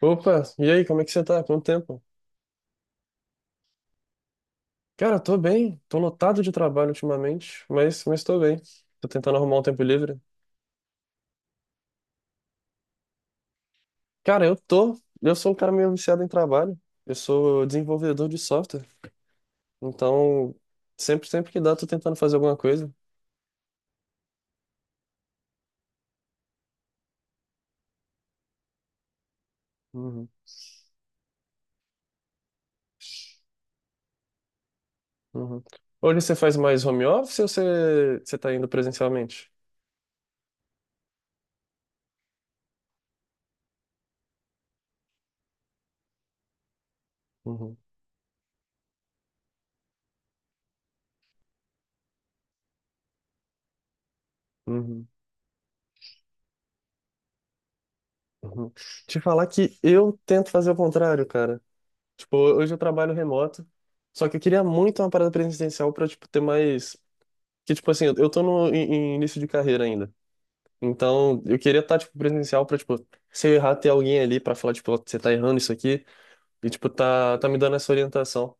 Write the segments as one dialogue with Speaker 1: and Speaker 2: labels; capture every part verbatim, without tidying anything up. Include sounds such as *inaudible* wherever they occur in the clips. Speaker 1: Opa, e aí, como é que você tá? Quanto tempo? Cara, tô bem, tô lotado de trabalho ultimamente, mas, mas tô bem. Tô tentando arrumar um tempo livre. Cara, eu tô, eu sou um cara meio viciado em trabalho. Eu sou desenvolvedor de software, então sempre, sempre que dá, tô tentando fazer alguma coisa. Uhum, uhum. Hoje você faz mais home office ou você, você tá indo presencialmente? Uhum, uhum, uhum. Te falar que eu tento fazer o contrário, cara. Tipo, hoje eu trabalho remoto, só que eu queria muito uma parada presencial pra, tipo, ter mais. Que, tipo assim, eu eu tô no em- em início de carreira ainda. Então, eu queria estar, tipo, presencial pra, tipo, se eu errar, ter alguém ali pra falar, tipo, "Ó, você tá errando isso aqui." E, tipo, tá, tá me dando essa orientação.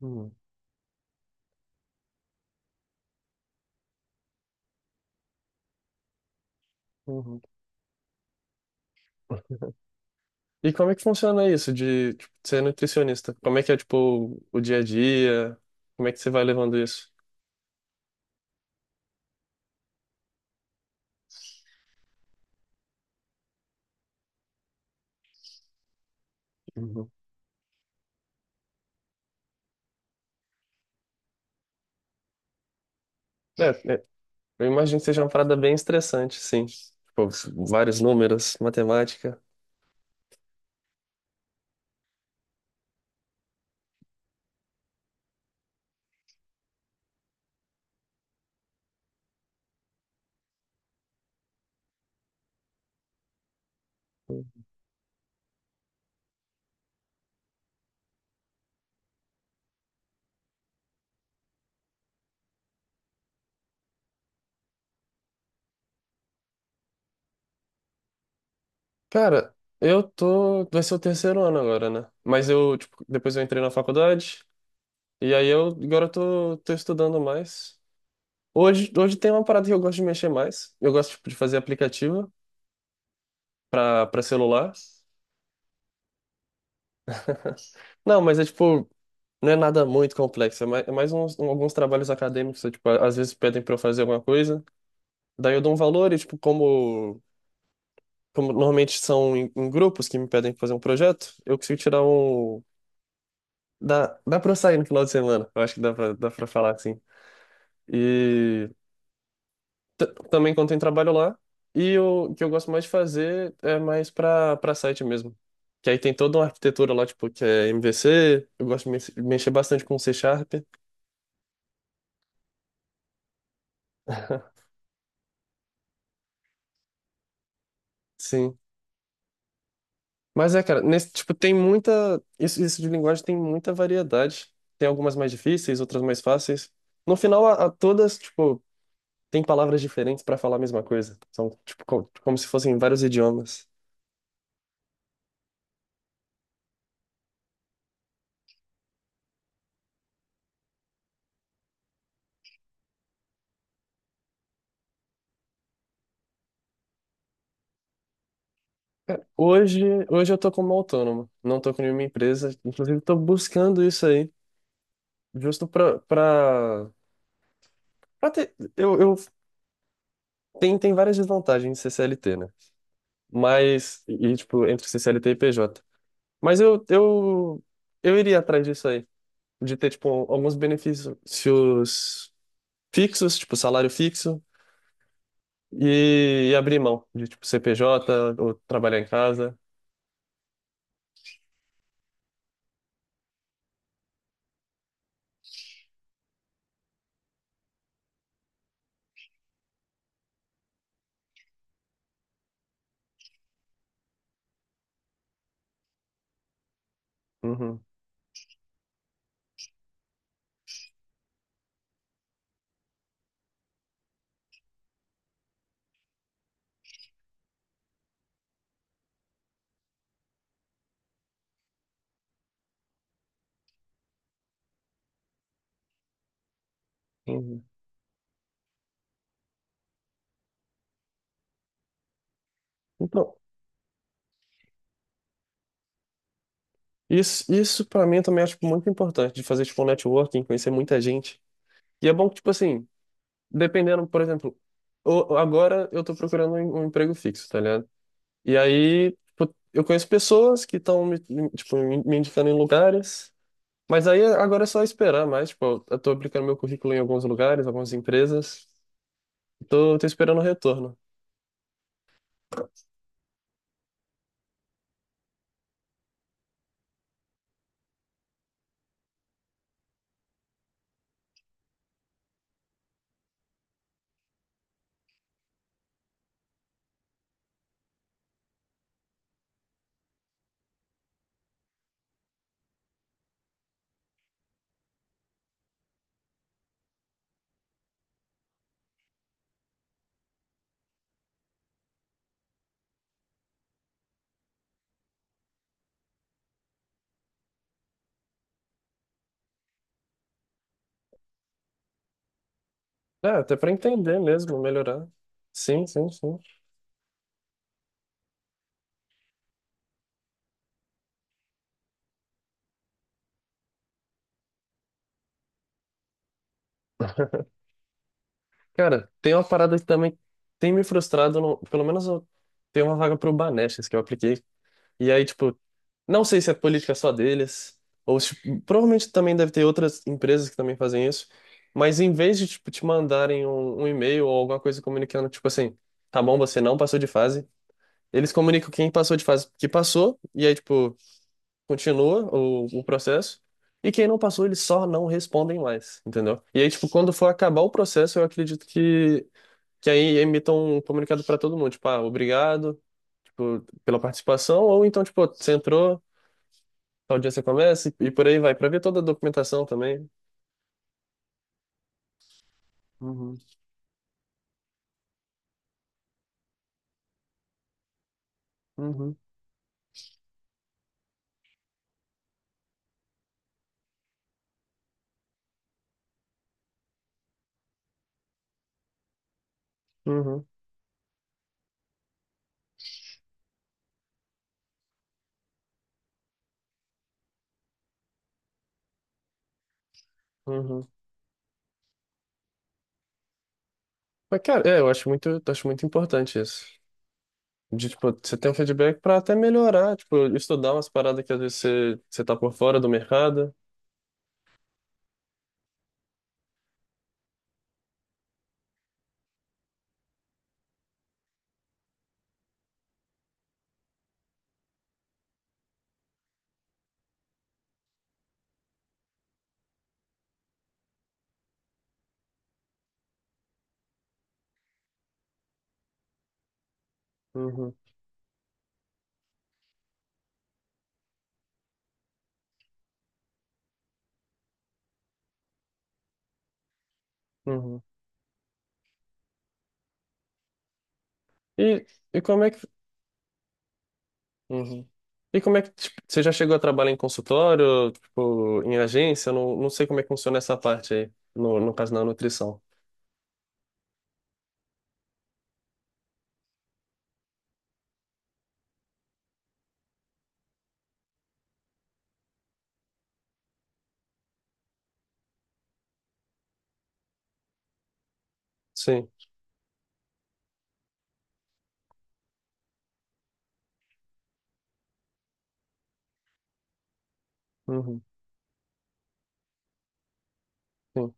Speaker 1: Hum, uhum. E como é que funciona isso de, tipo, ser nutricionista? Como é que é, tipo, o dia a dia? Como é que você vai levando isso? Uhum. É, é, eu imagino que seja uma parada bem estressante, sim. Tipo, vários números, matemática. Cara, eu tô. Vai ser o terceiro ano agora, né? Mas eu, tipo, depois eu entrei na faculdade, e aí eu agora eu tô, tô estudando mais. Hoje, hoje tem uma parada que eu gosto de mexer mais. Eu gosto, tipo, de fazer aplicativo pra, pra celular. Não, mas é tipo, não é nada muito complexo. É mais, é mais uns, um- alguns trabalhos acadêmicos, é, tipo, às vezes pedem pra eu fazer alguma coisa. Daí eu dou um valor e, tipo, como, como normalmente são em, em grupos que me pedem pra fazer um projeto, eu consigo tirar um. Dá, dá pra eu sair no final de semana. Eu acho que dá pra, dá pra falar assim. E t- também quando tem trabalho lá. E o que eu gosto mais de fazer é mais pra, pra site mesmo. Que aí tem toda uma arquitetura lá, tipo, que é M V C. Eu gosto de mex- mexer bastante com C Sharp. *laughs* Sim. Mas é, cara, nesse, tipo, tem muita. Isso, isso de linguagem tem muita variedade. Tem algumas mais difíceis, outras mais fáceis. No final, a, a todas, tipo, tem palavras diferentes pra falar a mesma coisa. São, tipo, co- como se fossem vários idiomas. Hoje, hoje eu tô como autônomo, não tô com nenhuma empresa, inclusive tô buscando isso aí, justo pra, pra, pra ter, eu, eu, tem, tem várias desvantagens em ser C L T, né? Mas, e e, tipo, entre ser C L T e P J. Mas eu, eu, eu iria atrás disso aí, de ter, tipo, alguns benefícios fixos, tipo, salário fixo, e, e abrir mão de, tipo, ser P J ou trabalhar em casa. Uhum, uhum. Então, Isso, isso para mim eu também acho tipo, muito importante de fazer tipo um networking, conhecer muita gente. E é bom que, tipo assim, dependendo, por exemplo, o- agora eu tô procurando um, um emprego fixo, tá ligado? E aí, tipo, eu conheço pessoas que estão me, me- tipo, me me indicando em lugares, mas aí agora é só esperar mais, tipo, eu eu tô aplicando meu currículo em alguns lugares, algumas empresas, tô, tô esperando o retorno. É, até para entender mesmo, melhorar. Sim, sim, sim. Cara, tem uma parada que também tem me frustrado. No- pelo menos eu tenho uma vaga pro Banestes que eu apliquei. E aí, tipo, não sei se é política só deles, ou tipo, provavelmente também deve ter outras empresas que também fazem isso. Mas em vez de, tipo, te mandarem um, um e-mail ou alguma coisa comunicando, tipo assim, tá bom, você não passou de fase, eles comunicam quem passou de fase que passou, e aí, tipo, continua o, o processo. E quem não passou, eles só não respondem mais, entendeu? E aí, tipo, quando for acabar o processo, eu acredito que que aí emitam um comunicado para todo mundo, tipo, ah, obrigado, tipo, pela participação, ou então, tipo, você entrou, tal dia você começa, e, e por aí vai, para ver toda a documentação também. Uhum, uhum, uhum, uhum. Mas, cara, é, eu acho muito, acho muito importante isso. De, tipo, você ter um feedback para até melhorar, tipo, estudar umas paradas que às vezes você, você tá por fora do mercado. Uhum, uhum. E, e como é que Uhum. E como é que, tipo, você já chegou a trabalhar em consultório, tipo, em agência? Não, não sei como é que funciona essa parte aí, no, no caso da nutrição. Sim, uhum, sim,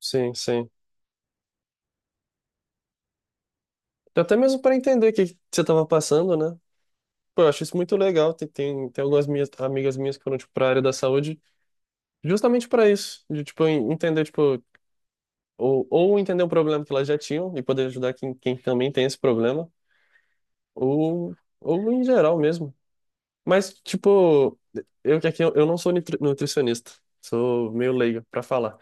Speaker 1: sim, sim. Até mesmo para entender o que que você estava passando, né? Pô, eu acho isso muito legal. Tem, tem, tem algumas minhas, amigas minhas que foram, tipo, para a área da saúde, justamente para isso, de, tipo, en- entender, tipo, ou, ou entender o problema que elas já tinham e poder ajudar quem, quem também tem esse problema, ou, ou em geral mesmo. Mas, tipo, eu que aqui eu, eu não sou nitri- nutricionista, sou meio leigo pra falar.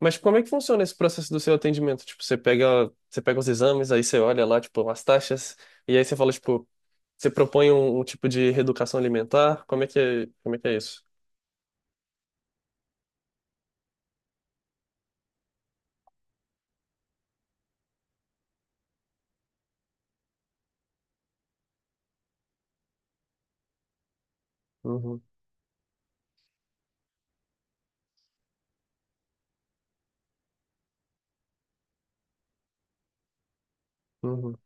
Speaker 1: Mas tipo, como é que funciona esse processo do seu atendimento? Tipo, você pega, você pega os exames, aí você olha lá, tipo, as taxas, e aí você fala, tipo, você propõe um, um tipo de reeducação alimentar? Como é que é, como é que é isso? Uhum, uhum,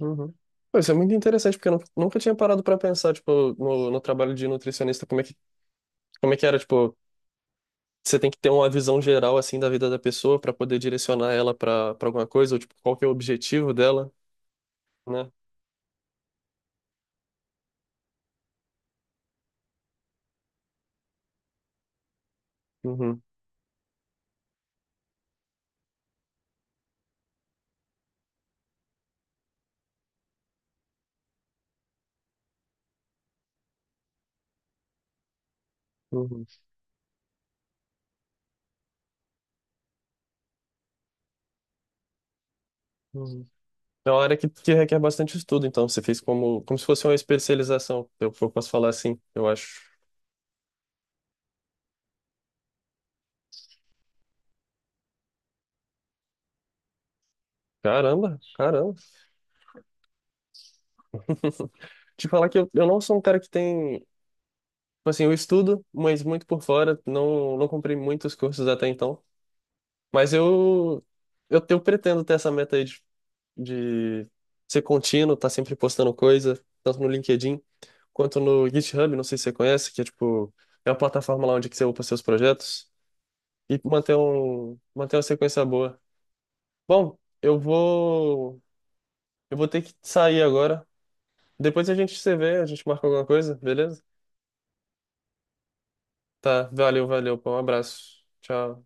Speaker 1: uhum. Pô, isso é muito interessante, porque eu nu- nunca tinha parado pra pensar, tipo, no, no trabalho de nutricionista, como é que, como é que era, tipo, você tem que ter uma visão geral assim da vida da pessoa para poder direcionar ela para para alguma coisa, ou tipo, qual que é o objetivo dela, né? Uhum, uhum, uhum. É uma área que, que requer bastante estudo, então você fez como como se fosse uma especialização, eu, eu posso falar assim, eu acho. Caramba, caramba. Te falar que eu, eu não sou um cara que tem, tipo assim, eu estudo, mas muito por fora, não não comprei muitos cursos até então, mas eu eu, eu pretendo ter essa meta aí de, de ser contínuo, tá sempre postando coisa, tanto no LinkedIn quanto no GitHub, não sei se você conhece, que é tipo, é uma plataforma lá onde que você upa seus projetos e manter um, manter uma sequência boa. Bom, eu vou, eu vou ter que sair agora. Depois a gente se vê, a gente marca alguma coisa, beleza? Tá, valeu, valeu, pô, um abraço. Tchau.